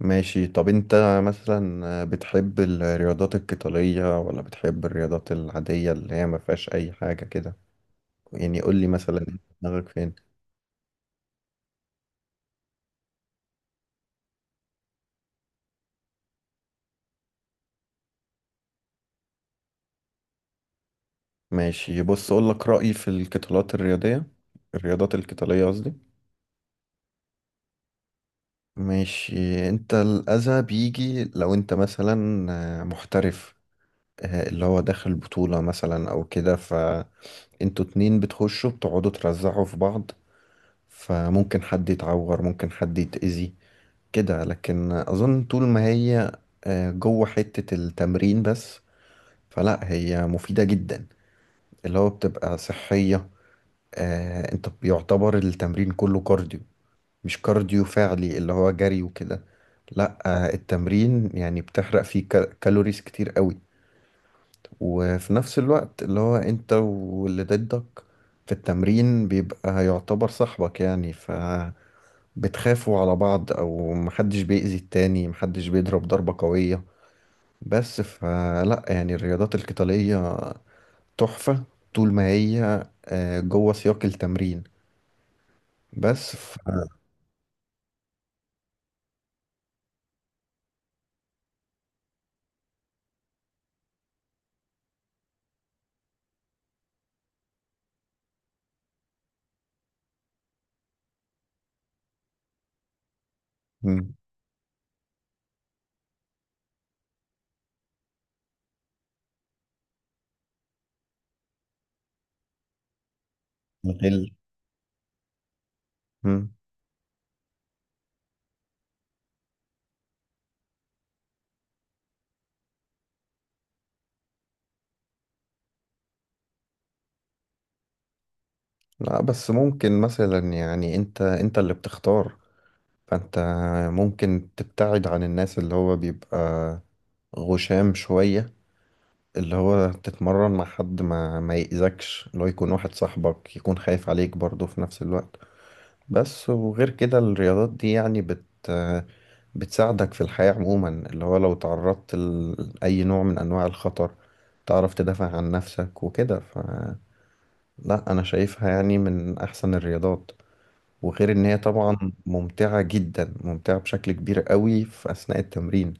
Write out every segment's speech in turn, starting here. ماشي، طب انت مثلا بتحب الرياضات القتالية ولا بتحب الرياضات العادية اللي هي ما فيهاش اي حاجة كده؟ يعني قول لي مثلا انت دماغك فين؟ ماشي، بص اقول لك رأيي في القتالات الرياضية، الرياضات القتالية قصدي. ماشي، انت الأذى بيجي لو انت مثلا محترف، اللي هو داخل بطولة مثلا او كده، فانتوا اتنين بتخشوا بتقعدوا ترزعوا في بعض، فممكن حد يتعور، ممكن حد يتأذي كده. لكن اظن طول ما هي جوه حتة التمرين بس، فلا هي مفيدة جدا. اللي هو بتبقى صحية، انت بيعتبر التمرين كله كارديو، مش كارديو فعلي اللي هو جري وكده، لا. التمرين يعني بتحرق فيه كالوريز كتير قوي. وفي نفس الوقت اللي هو انت واللي ضدك في التمرين بيبقى يعتبر صاحبك يعني، فبتخافوا على بعض، او محدش بيأذي التاني، محدش بيضرب ضربة قوية بس. فلا يعني الرياضات القتالية تحفة طول ما هي جوه سياق التمرين بس. مم. غل. مم. لا، بس ممكن مثلا يعني انت اللي بتختار، فانت ممكن تبتعد عن الناس اللي هو بيبقى غشام شوية، اللي هو تتمرن مع حد ما يأذكش، اللي هو يكون واحد صاحبك يكون خايف عليك برضه في نفس الوقت بس. وغير كده الرياضات دي يعني بتساعدك في الحياة عموما اللي هو لو تعرضت لأي نوع من أنواع الخطر، تعرف تدافع عن نفسك وكده، فلا أنا شايفها يعني من أحسن الرياضات، وغير ان هي طبعا ممتعة جدا، ممتعة بشكل كبير قوي في اثناء التمرين.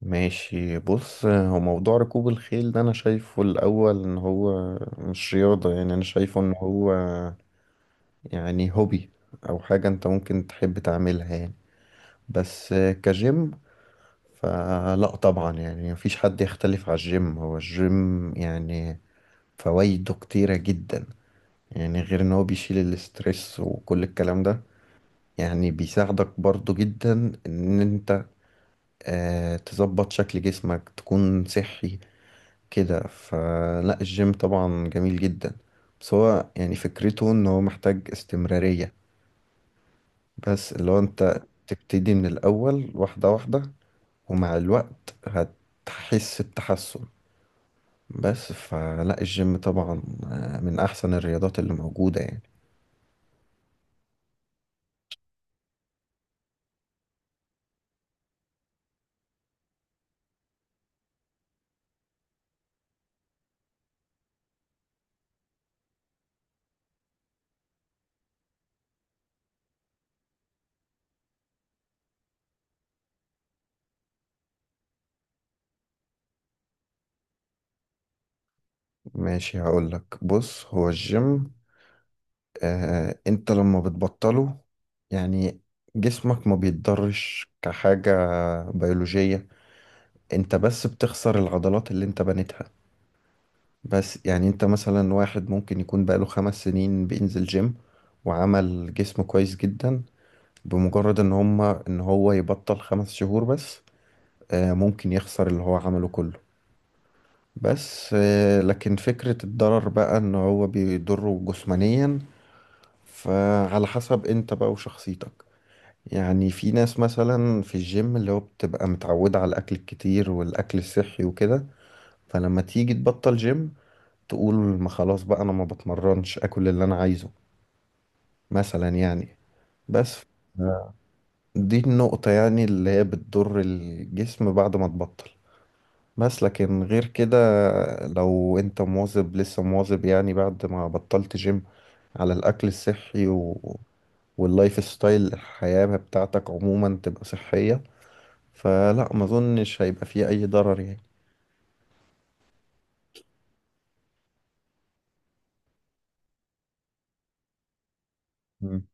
ماشي، بص هو موضوع ركوب الخيل ده انا شايفه الاول ان هو مش رياضة، يعني انا شايفه ان هو يعني هوبي، او حاجة انت ممكن تحب تعملها يعني، بس كجيم فلا طبعا يعني مفيش حد يختلف على الجيم، هو الجيم يعني فوائده كتيرة جدا. يعني غير ان هو بيشيل الاسترس وكل الكلام ده، يعني بيساعدك برضو جدا ان انت تظبط شكل جسمك، تكون صحي كده. فلا الجيم طبعا جميل جدا، بس هو يعني فكرته ان هو محتاج استمرارية، بس اللي هو انت تبتدي من الاول واحدة واحدة، ومع الوقت هتحس بتحسن. بس فلا الجيم طبعا من احسن الرياضات اللي موجودة يعني. ماشي هقولك، بص هو الجيم انت لما بتبطله يعني جسمك ما بيتضرش كحاجة بيولوجية. انت بس بتخسر العضلات اللي انت بنيتها. بس يعني انت مثلا واحد ممكن يكون بقاله 5 سنين بينزل جيم وعمل جسم كويس جدا، بمجرد ان هو يبطل 5 شهور بس ممكن يخسر اللي هو عمله كله. بس لكن فكرة الضرر بقى ان هو بيضره جسمانيا، فعلى حسب انت بقى وشخصيتك. يعني في ناس مثلا في الجيم اللي هو بتبقى متعودة على الأكل الكتير والأكل الصحي وكده، فلما تيجي تبطل جيم تقول ما خلاص بقى، أنا ما بتمرنش، أكل اللي أنا عايزه مثلا يعني بس. دي النقطة يعني اللي هي بتضر الجسم بعد ما تبطل. بس لكن غير كده، لو انت مواظب لسه مواظب يعني بعد ما بطلت جيم على الأكل الصحي واللايف ستايل الحياة بتاعتك عموما تبقى صحية، فلا ما اظنش هيبقى فيه اي ضرر يعني. مم.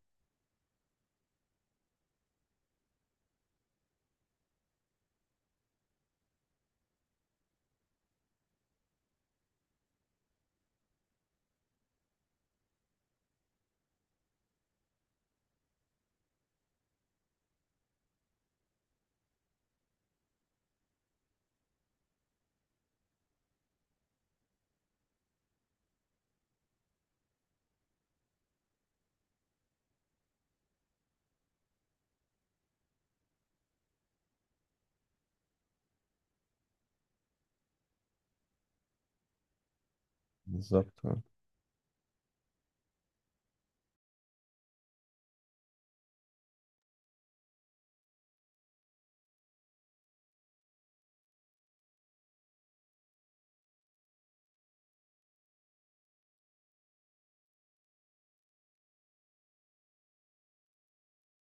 بالظبط.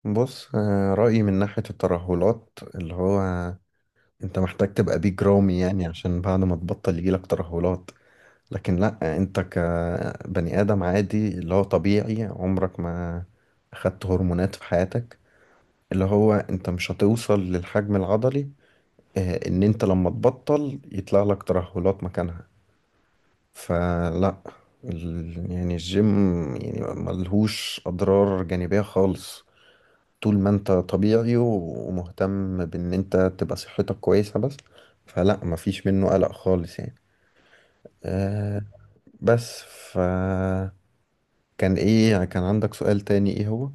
بص رأيي من ناحية الترهلات، اللي هو انت محتاج تبقى بيج رامي يعني عشان بعد ما تبطل يجيلك ترهلات. لكن لا، انت كبني آدم عادي اللي هو طبيعي، عمرك ما اخدت هرمونات في حياتك، اللي هو انت مش هتوصل للحجم العضلي ان انت لما تبطل يطلع لك ترهلات مكانها. فلا يعني الجيم يعني ملهوش أضرار جانبية خالص، طول ما انت طبيعي ومهتم بان انت تبقى صحتك كويسة بس. فلا مفيش منه قلق خالص يعني. أه. بس. كان ايه يعني، كان عندك سؤال تاني ايه هو؟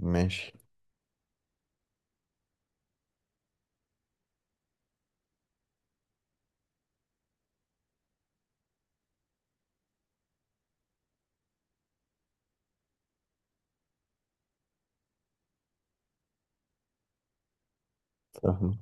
ماشي. فاهمة.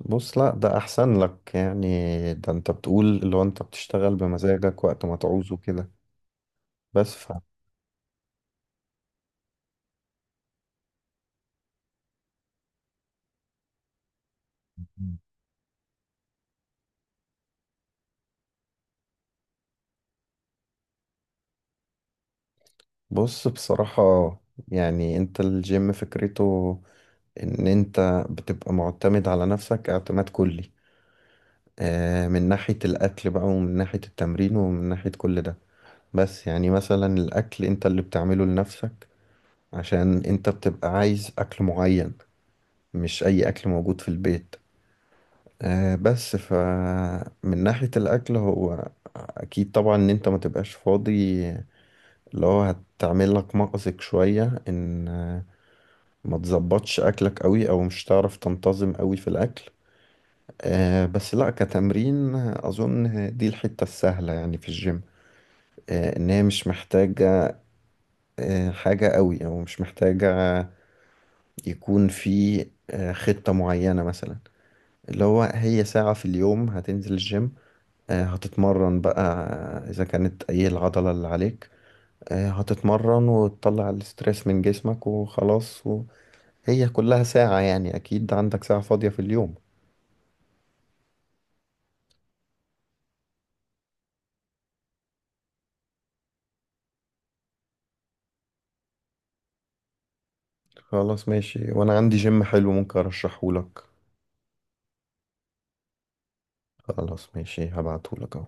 بص لا ده احسن لك يعني، ده انت بتقول اللي هو انت بتشتغل بمزاجك وقت ما تعوزه كده بس. بص بصراحة، يعني انت الجيم فكرته ان انت بتبقى معتمد على نفسك اعتماد كلي من ناحية الاكل بقى، ومن ناحية التمرين، ومن ناحية كل ده. بس يعني مثلا الاكل انت اللي بتعمله لنفسك عشان انت بتبقى عايز اكل معين، مش اي اكل موجود في البيت بس فمن ناحية الاكل هو اكيد طبعا ان انت ما تبقاش فاضي، اللي هو هتعمل لك مأزق شوية ان ما تظبطش اكلك قوي او مش هتعرف تنتظم قوي في الاكل. بس لا كتمرين اظن دي الحتة السهلة يعني في الجيم. ان هي مش محتاجة حاجة قوي، او مش محتاجة يكون في خطة معينة مثلا، اللي هو هي ساعة في اليوم هتنزل الجيم، هتتمرن بقى اذا كانت اي العضلة اللي عليك، هتتمرن وتطلع الاسترس من جسمك وخلاص. وهي كلها ساعة، يعني اكيد عندك ساعة فاضية في اليوم. خلاص ماشي، وانا عندي جيم حلو ممكن ارشحهولك. خلاص ماشي، هبعتهولك اهو.